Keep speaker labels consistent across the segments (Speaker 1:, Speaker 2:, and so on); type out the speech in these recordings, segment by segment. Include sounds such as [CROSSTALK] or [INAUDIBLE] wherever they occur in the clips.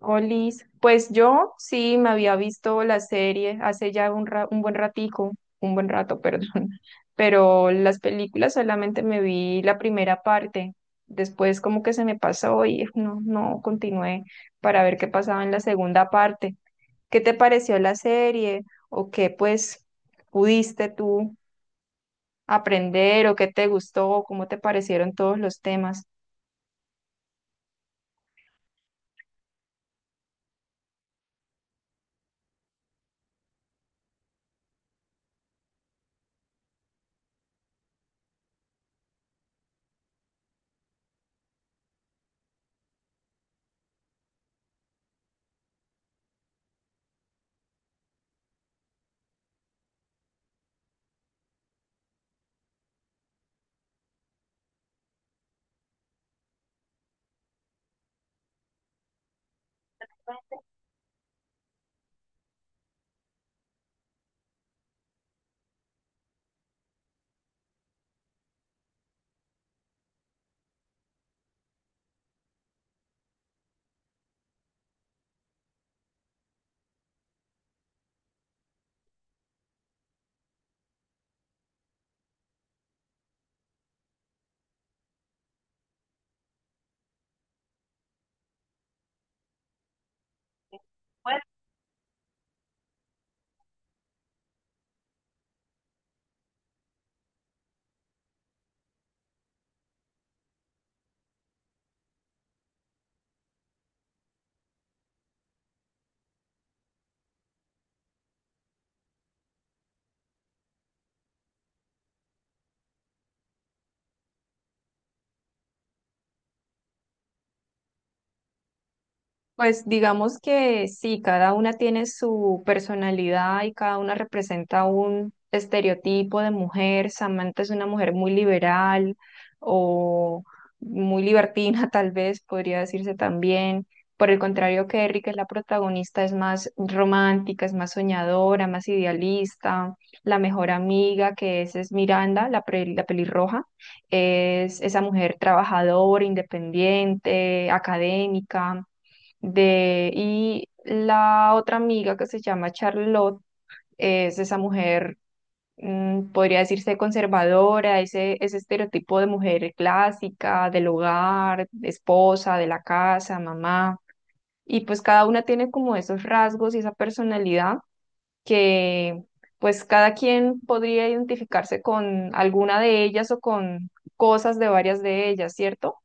Speaker 1: Olis, pues yo sí me había visto la serie hace ya un buen ratico, un buen rato, perdón. [LAUGHS] Pero las películas solamente me vi la primera parte, después como que se me pasó y no continué para ver qué pasaba en la segunda parte. ¿Qué te pareció la serie o qué pues pudiste tú aprender o qué te gustó, cómo te parecieron todos los temas? Pues digamos que sí, cada una tiene su personalidad y cada una representa un estereotipo de mujer. Samantha es una mujer muy liberal o muy libertina, [LAUGHS] tal vez podría decirse también. Por el contrario, Kerry, que es la protagonista, es más romántica, es más soñadora, más idealista. La mejor amiga que es Miranda, la pelirroja, es esa mujer trabajadora, independiente, académica de, y la otra amiga que se llama Charlotte es esa mujer, podría decirse conservadora, ese estereotipo de mujer clásica, del hogar, de esposa, de la casa, mamá. Y pues cada una tiene como esos rasgos y esa personalidad que pues cada quien podría identificarse con alguna de ellas o con cosas de varias de ellas, ¿cierto?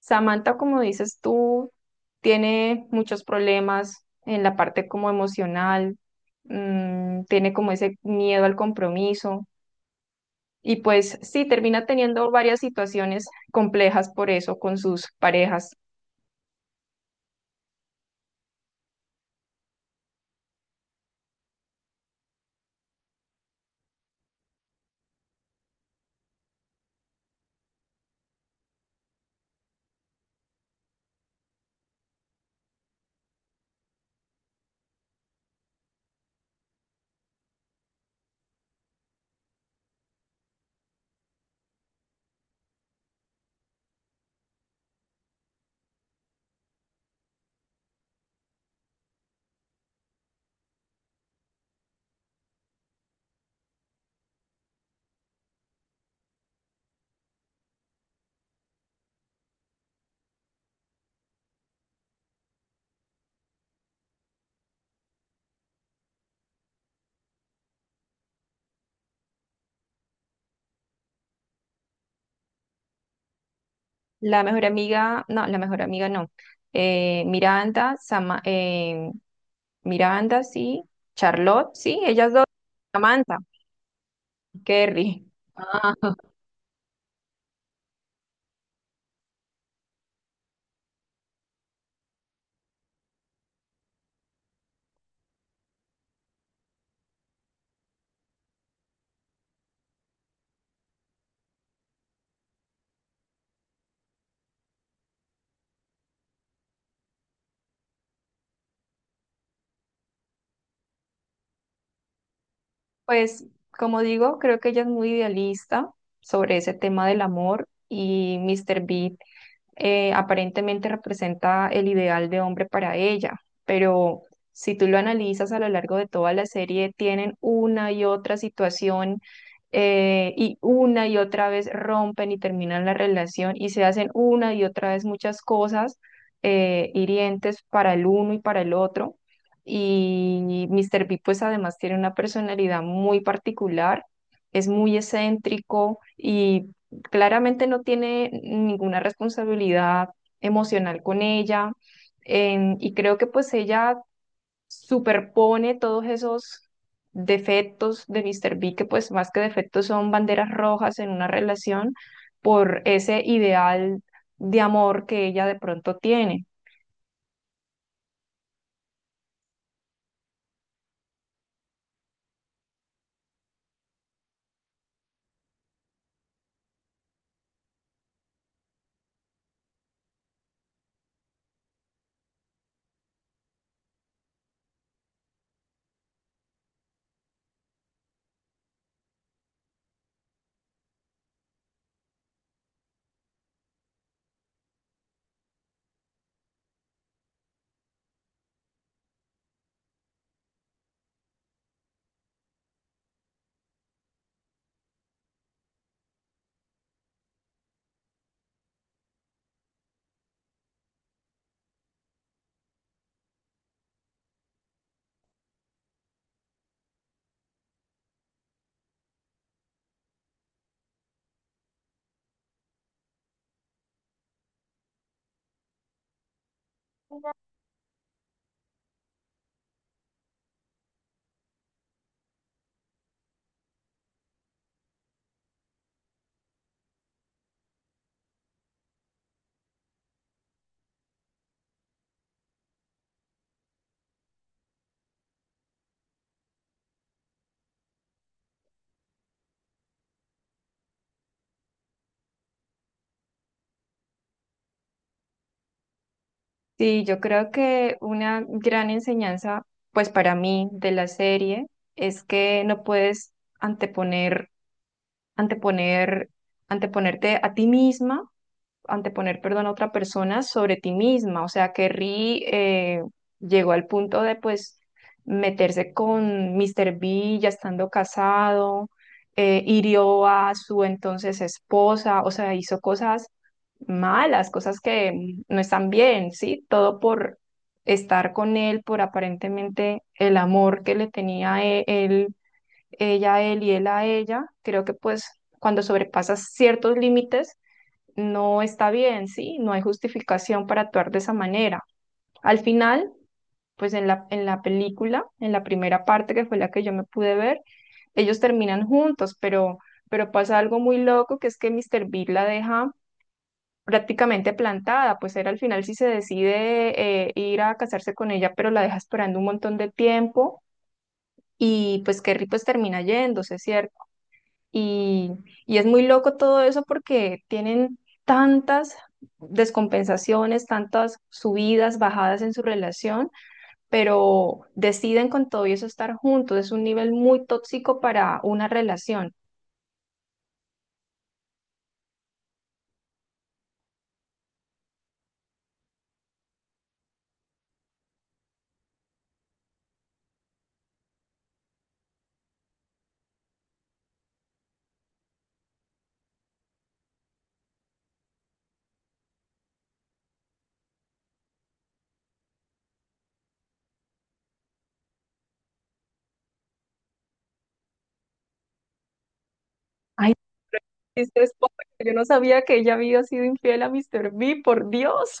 Speaker 1: Samantha, como dices tú, tiene muchos problemas en la parte como emocional. Tiene como ese miedo al compromiso y pues sí, termina teniendo varias situaciones complejas por eso con sus parejas. La mejor amiga, no, la mejor amiga no. Miranda, Miranda, sí, Charlotte, sí, ellas dos, Samantha, Kerry. Pues, como digo, creo que ella es muy idealista sobre ese tema del amor y Mr. Beat aparentemente representa el ideal de hombre para ella, pero si tú lo analizas a lo largo de toda la serie, tienen una y otra situación y una y otra vez rompen y terminan la relación y se hacen una y otra vez muchas cosas hirientes para el uno y para el otro. Y Mr. B pues además tiene una personalidad muy particular, es muy excéntrico y claramente no tiene ninguna responsabilidad emocional con ella. Y creo que pues ella superpone todos esos defectos de Mr. B, que pues más que defectos son banderas rojas en una relación por ese ideal de amor que ella de pronto tiene. Sí, yo creo que una gran enseñanza pues para mí de la serie es que no puedes anteponer anteponer, anteponerte a ti misma, anteponer, perdón, a otra persona sobre ti misma. O sea, que Ri llegó al punto de, pues, meterse con Mr. B ya estando casado, hirió a su entonces esposa, o sea, hizo cosas malas, cosas que no están bien, ¿sí? Todo por estar con él, por aparentemente el amor que él ella a él y él a ella, creo que pues cuando sobrepasas ciertos límites no está bien, ¿sí? No hay justificación para actuar de esa manera. Al final, pues en la película, en la primera parte que fue la que yo me pude ver, ellos terminan juntos, pero pasa algo muy loco que es que Mr. Big la deja prácticamente plantada, pues él al final sí se decide ir a casarse con ella, pero la deja esperando un montón de tiempo y pues Kerry pues termina yéndose, ¿cierto? Y, y es muy loco todo eso porque tienen tantas descompensaciones, tantas subidas, bajadas en su relación, pero deciden con todo y eso estar juntos. Es un nivel muy tóxico para una relación. Ay, este es pobre, yo no sabía que ella había sido infiel a Mr. B, por Dios.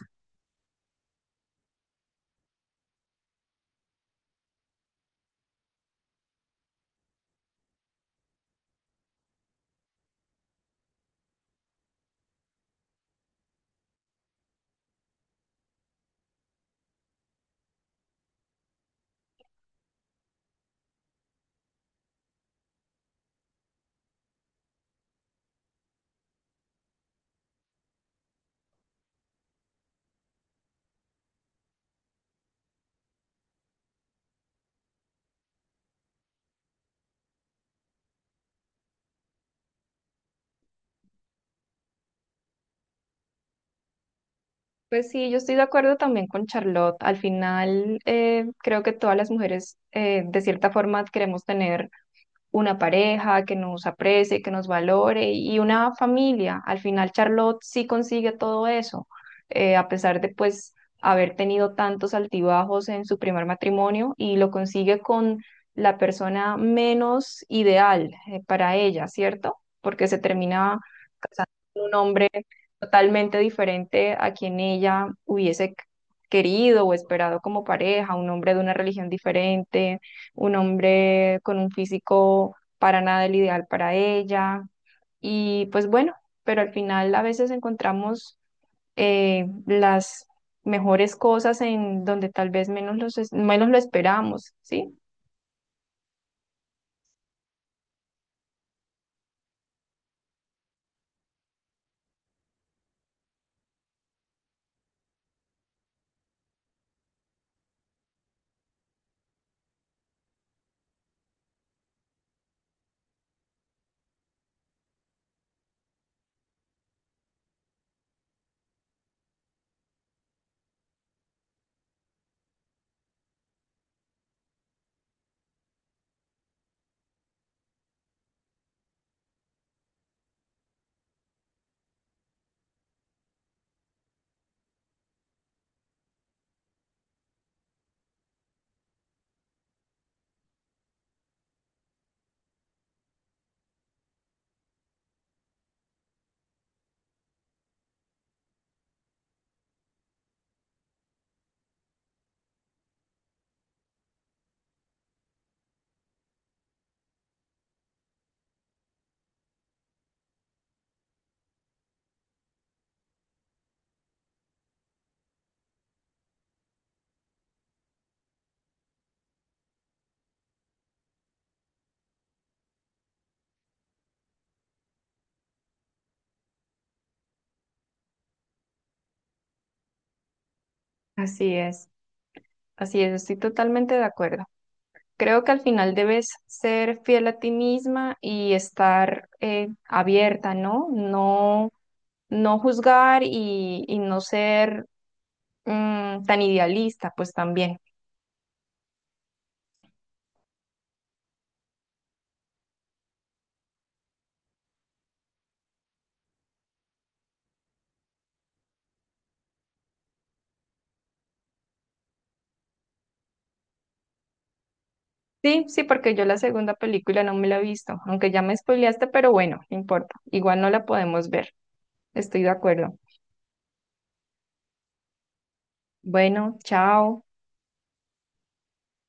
Speaker 1: Pues sí, yo estoy de acuerdo también con Charlotte. Al final, creo que todas las mujeres, de cierta forma, queremos tener una pareja que nos aprecie, que nos valore y una familia. Al final Charlotte sí consigue todo eso, a pesar de pues haber tenido tantos altibajos en su primer matrimonio y lo consigue con la persona menos ideal para ella, ¿cierto? Porque se termina casando con un hombre totalmente diferente a quien ella hubiese querido o esperado como pareja, un hombre de una religión diferente, un hombre con un físico para nada el ideal para ella. Y pues bueno, pero al final a veces encontramos las mejores cosas en donde tal vez menos lo esperamos, ¿sí? Así es, así es, estoy totalmente de acuerdo. Creo que al final debes ser fiel a ti misma y estar abierta, ¿no? No, no juzgar y no ser tan idealista, pues también. Sí, sí, porque yo la segunda película no me la he visto, aunque ya me spoileaste, pero bueno, no importa, igual no la podemos ver. Estoy de acuerdo. Bueno, chao.